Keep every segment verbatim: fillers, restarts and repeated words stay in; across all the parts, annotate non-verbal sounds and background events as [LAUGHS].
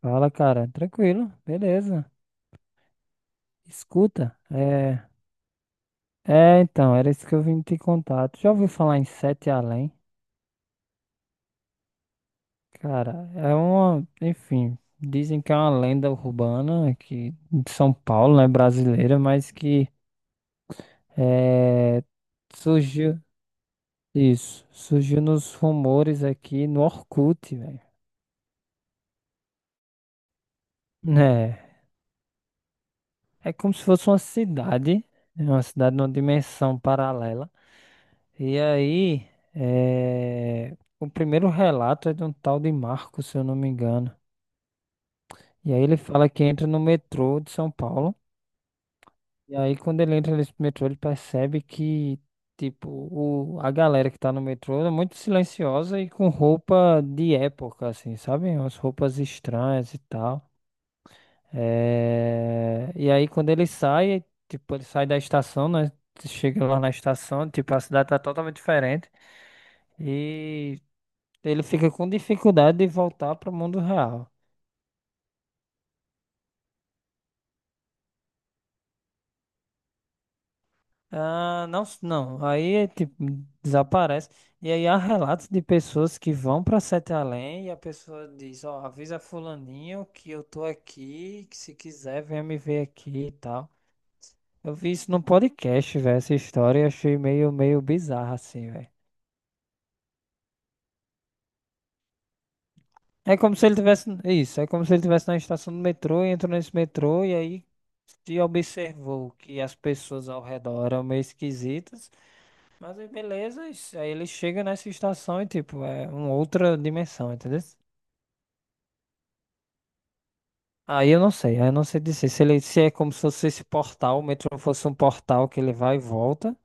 Fala, cara. Tranquilo, beleza. Escuta, é. É, então, era isso que eu vim te contar. Tu já ouviu falar em Sete Além? Cara, é uma. Enfim, dizem que é uma lenda urbana aqui de São Paulo, né? Brasileira, mas que é, surgiu. Isso, surgiu nos rumores aqui no Orkut, velho. É, é como se fosse uma cidade, né, uma cidade numa dimensão paralela. E aí, eh, o primeiro relato é de um tal de Marco, se eu não me engano. E aí ele fala que entra no metrô de São Paulo. E aí, quando ele entra nesse metrô, ele percebe que, tipo, o, a galera que tá no metrô é muito silenciosa e com roupa de época, assim, sabe? Umas roupas estranhas e tal. É, e aí quando ele sai, tipo, ele sai da estação, né? Chega lá na estação, tipo, a cidade tá totalmente diferente. E ele fica com dificuldade de voltar pro mundo real. Ah, não, s- não. Aí, tipo, desaparece. E aí há relatos de pessoas que vão para Sete Além e a pessoa diz, ó, avisa fulaninho que eu tô aqui, que se quiser venha me ver aqui e tal. Eu vi isso num podcast, velho, essa história e achei meio, meio bizarra assim, velho. É como se ele tivesse. Isso, é como se ele tivesse na estação do metrô e entrou nesse metrô e aí se observou que as pessoas ao redor eram meio esquisitas. Mas aí beleza, isso- aí ele chega nessa estação e tipo, é uma outra dimensão, entendeu? Aí eu não sei, aí eu não sei dizer se ele se é como se fosse esse portal, o metrô fosse um portal que ele vai e volta.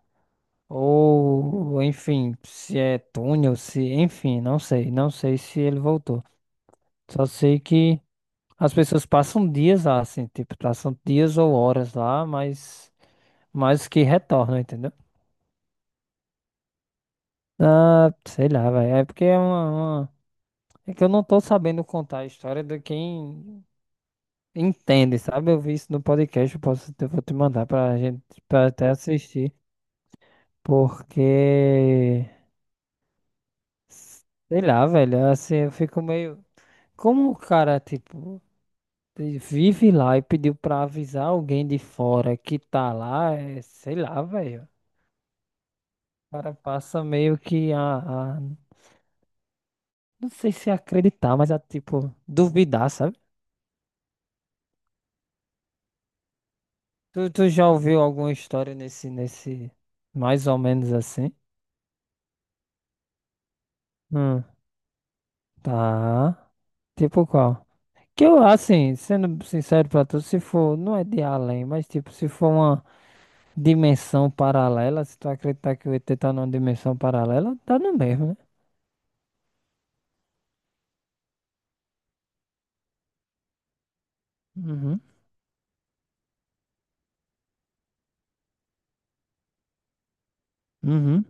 Ou, enfim, se é túnel, se, enfim, não sei, não sei se ele voltou. Só sei que as pessoas passam dias lá, assim, tipo, passam dias ou horas lá, mas, mas que retornam, entendeu? Ah, sei lá, velho, é porque é uma, uma- É que eu não tô sabendo contar a história de quem entende, sabe? Eu vi isso no podcast, eu posso, eu vou te mandar pra gente, pra até assistir, porque, sei lá, velho, assim, eu fico meio... Como o cara, tipo, vive lá e pediu pra avisar alguém de fora que tá lá, é, sei lá, velho. O cara passa meio que a, a- Não sei se acreditar, mas a, tipo, duvidar, sabe? Tu, tu já ouviu alguma história nesse, nesse. Mais ou menos assim? Hum, tá. Tipo qual? Que eu, assim, sendo sincero pra tu, se for. Não é de além, mas, tipo, se for uma dimensão paralela, se tu acreditar que o E T tá numa dimensão paralela, tá no mesmo, né? Uhum, uhum,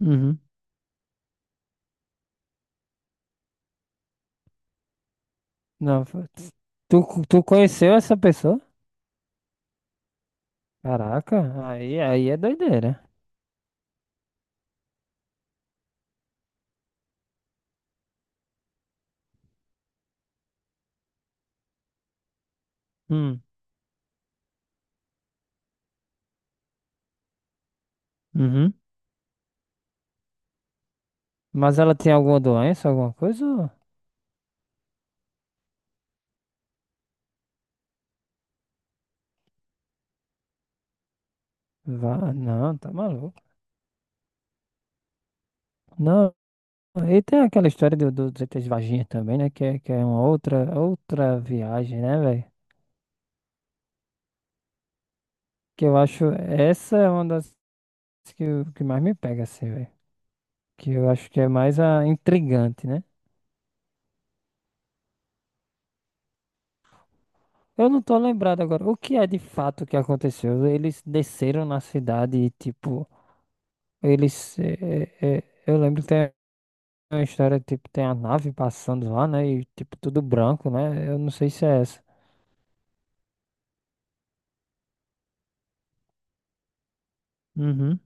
uhum. Não, fa- tu, tu conheceu essa pessoa? Caraca, aí, aí é doideira. Hum, uhum. Mas ela tem alguma doença, alguma coisa? ou- Vá, não, tá maluco. Não, e tem aquela história do, do, dos E Ts vaginha também, né? Que é, que é uma outra, outra viagem, né, velho? Que eu acho, essa é uma das que, eu- que mais me pega, assim, velho. Que eu acho que é mais a intrigante, né? Eu não tô lembrado agora. O que é de fato que aconteceu? Eles desceram na cidade e, tipo, eles. Eh, eh, eh, eu lembro que tem uma história, tipo, tem a nave passando lá, né? E, tipo, tudo branco, né? Eu não sei se é essa. Uhum,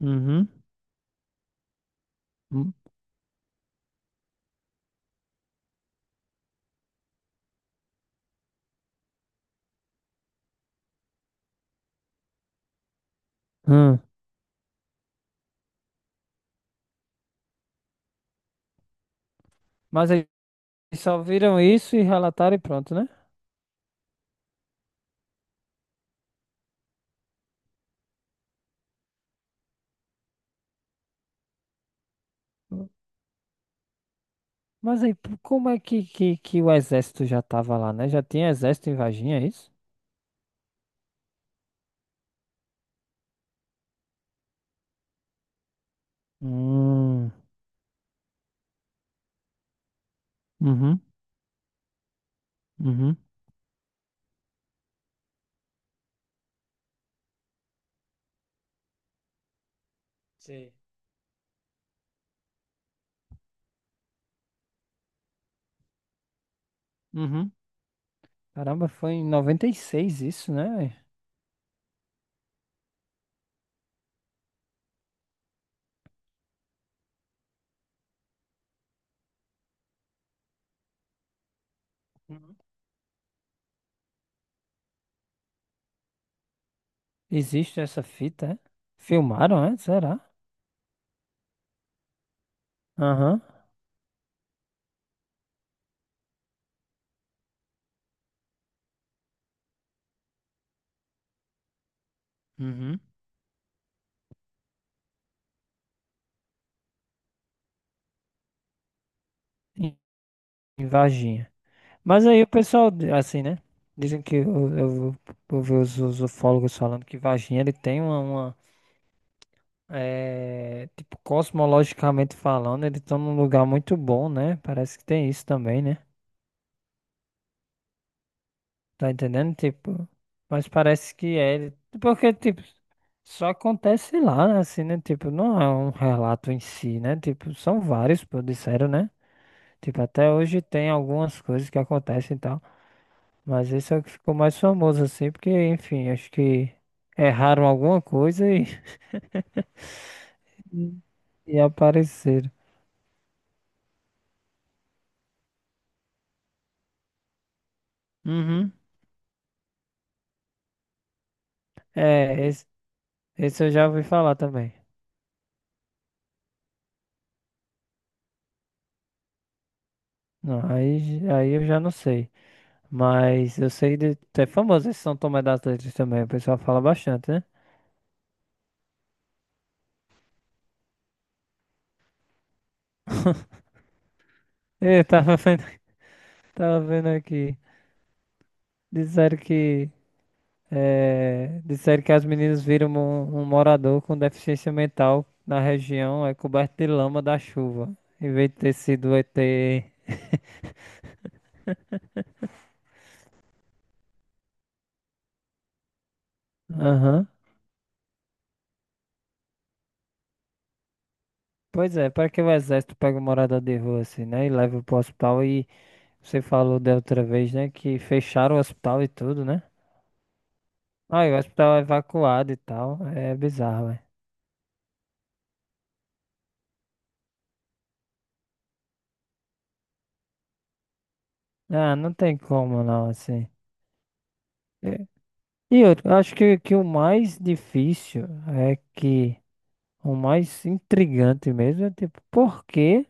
uhum. Hum. Hum. Mas eles só viram isso e relataram e pronto, né? Mas aí, p- como é que, que, que o exército já tava lá, né? Já tinha exército em Varginha, é isso? Hum, uhum, uhum, Sim. Uhum. Caramba, foi em noventa e seis isso, né, véi? Uhum. Existe essa fita, é? Filmaram, é? Será? Aham. Uhum. Em em Varginha. Mas aí o pessoal, assim, né? Dizem que eu, eu, eu vi os, os ufólogos falando que Varginha ele tem uma, uma, eh, tipo, cosmologicamente falando, ele tá num lugar muito bom, né? Parece que tem isso também, né? Tá entendendo? Tipo, mas parece que é. ele- Porque, tipo, só acontece lá, né? Assim, né? Tipo, não é um relato em si, né? Tipo, são vários, pô, disseram, né? Tipo, até hoje tem algumas coisas que acontecem e tal. Mas esse é o que ficou mais famoso, assim, porque, enfim, acho que erraram alguma coisa e, hum, e apareceram. Uhum. É, esse, esse eu já ouvi falar também. Não, aí, aí eu já não sei. Mas eu sei de. É famoso esse São Tomé das Letras também, o pessoal fala bastante, né? Eu tava vendo, [LAUGHS] tava vendo aqui. Disseram que. É, disseram que as meninas viram um, um morador com deficiência mental na região é coberto de lama da chuva. Em vez de ter sido o E T. Aham. Pois é, para que o exército pega um morador de rua assim, né? E leva pro hospital e você falou da outra vez, né? Que fecharam o hospital e tudo, né? Ah, e o hospital é evacuado e tal. É bizarro, é. Ah, não tem como não, assim. É. E eu acho que, que o mais difícil é que o mais intrigante mesmo é tipo, por que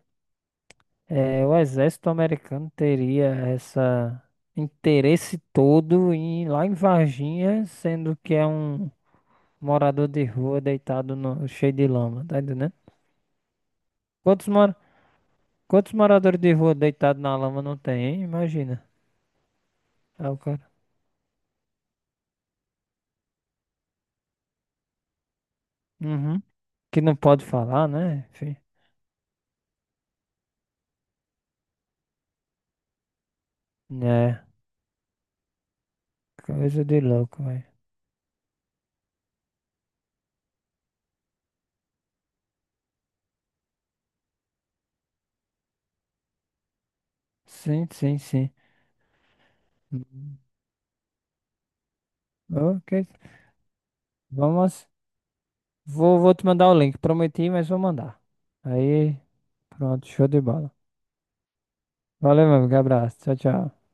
eh, o exército americano teria essa interesse todo em ir lá em Varginha, sendo que é um morador de rua deitado no, cheio de lama, tá entendendo? Quantos, mora, quantos moradores de rua deitados na lama não tem, hein? Imagina. É o cara. Uhum. Que não pode falar, né? Enfim. É. Coisa de louco, velho. Sim, sim, sim. Hum. Ok. Vamos. Vou, vou te mandar o link. Prometi, mas vou mandar. Aí, pronto, show de bola. Valeu, meu amigo. Abraço. Tchau, tchau.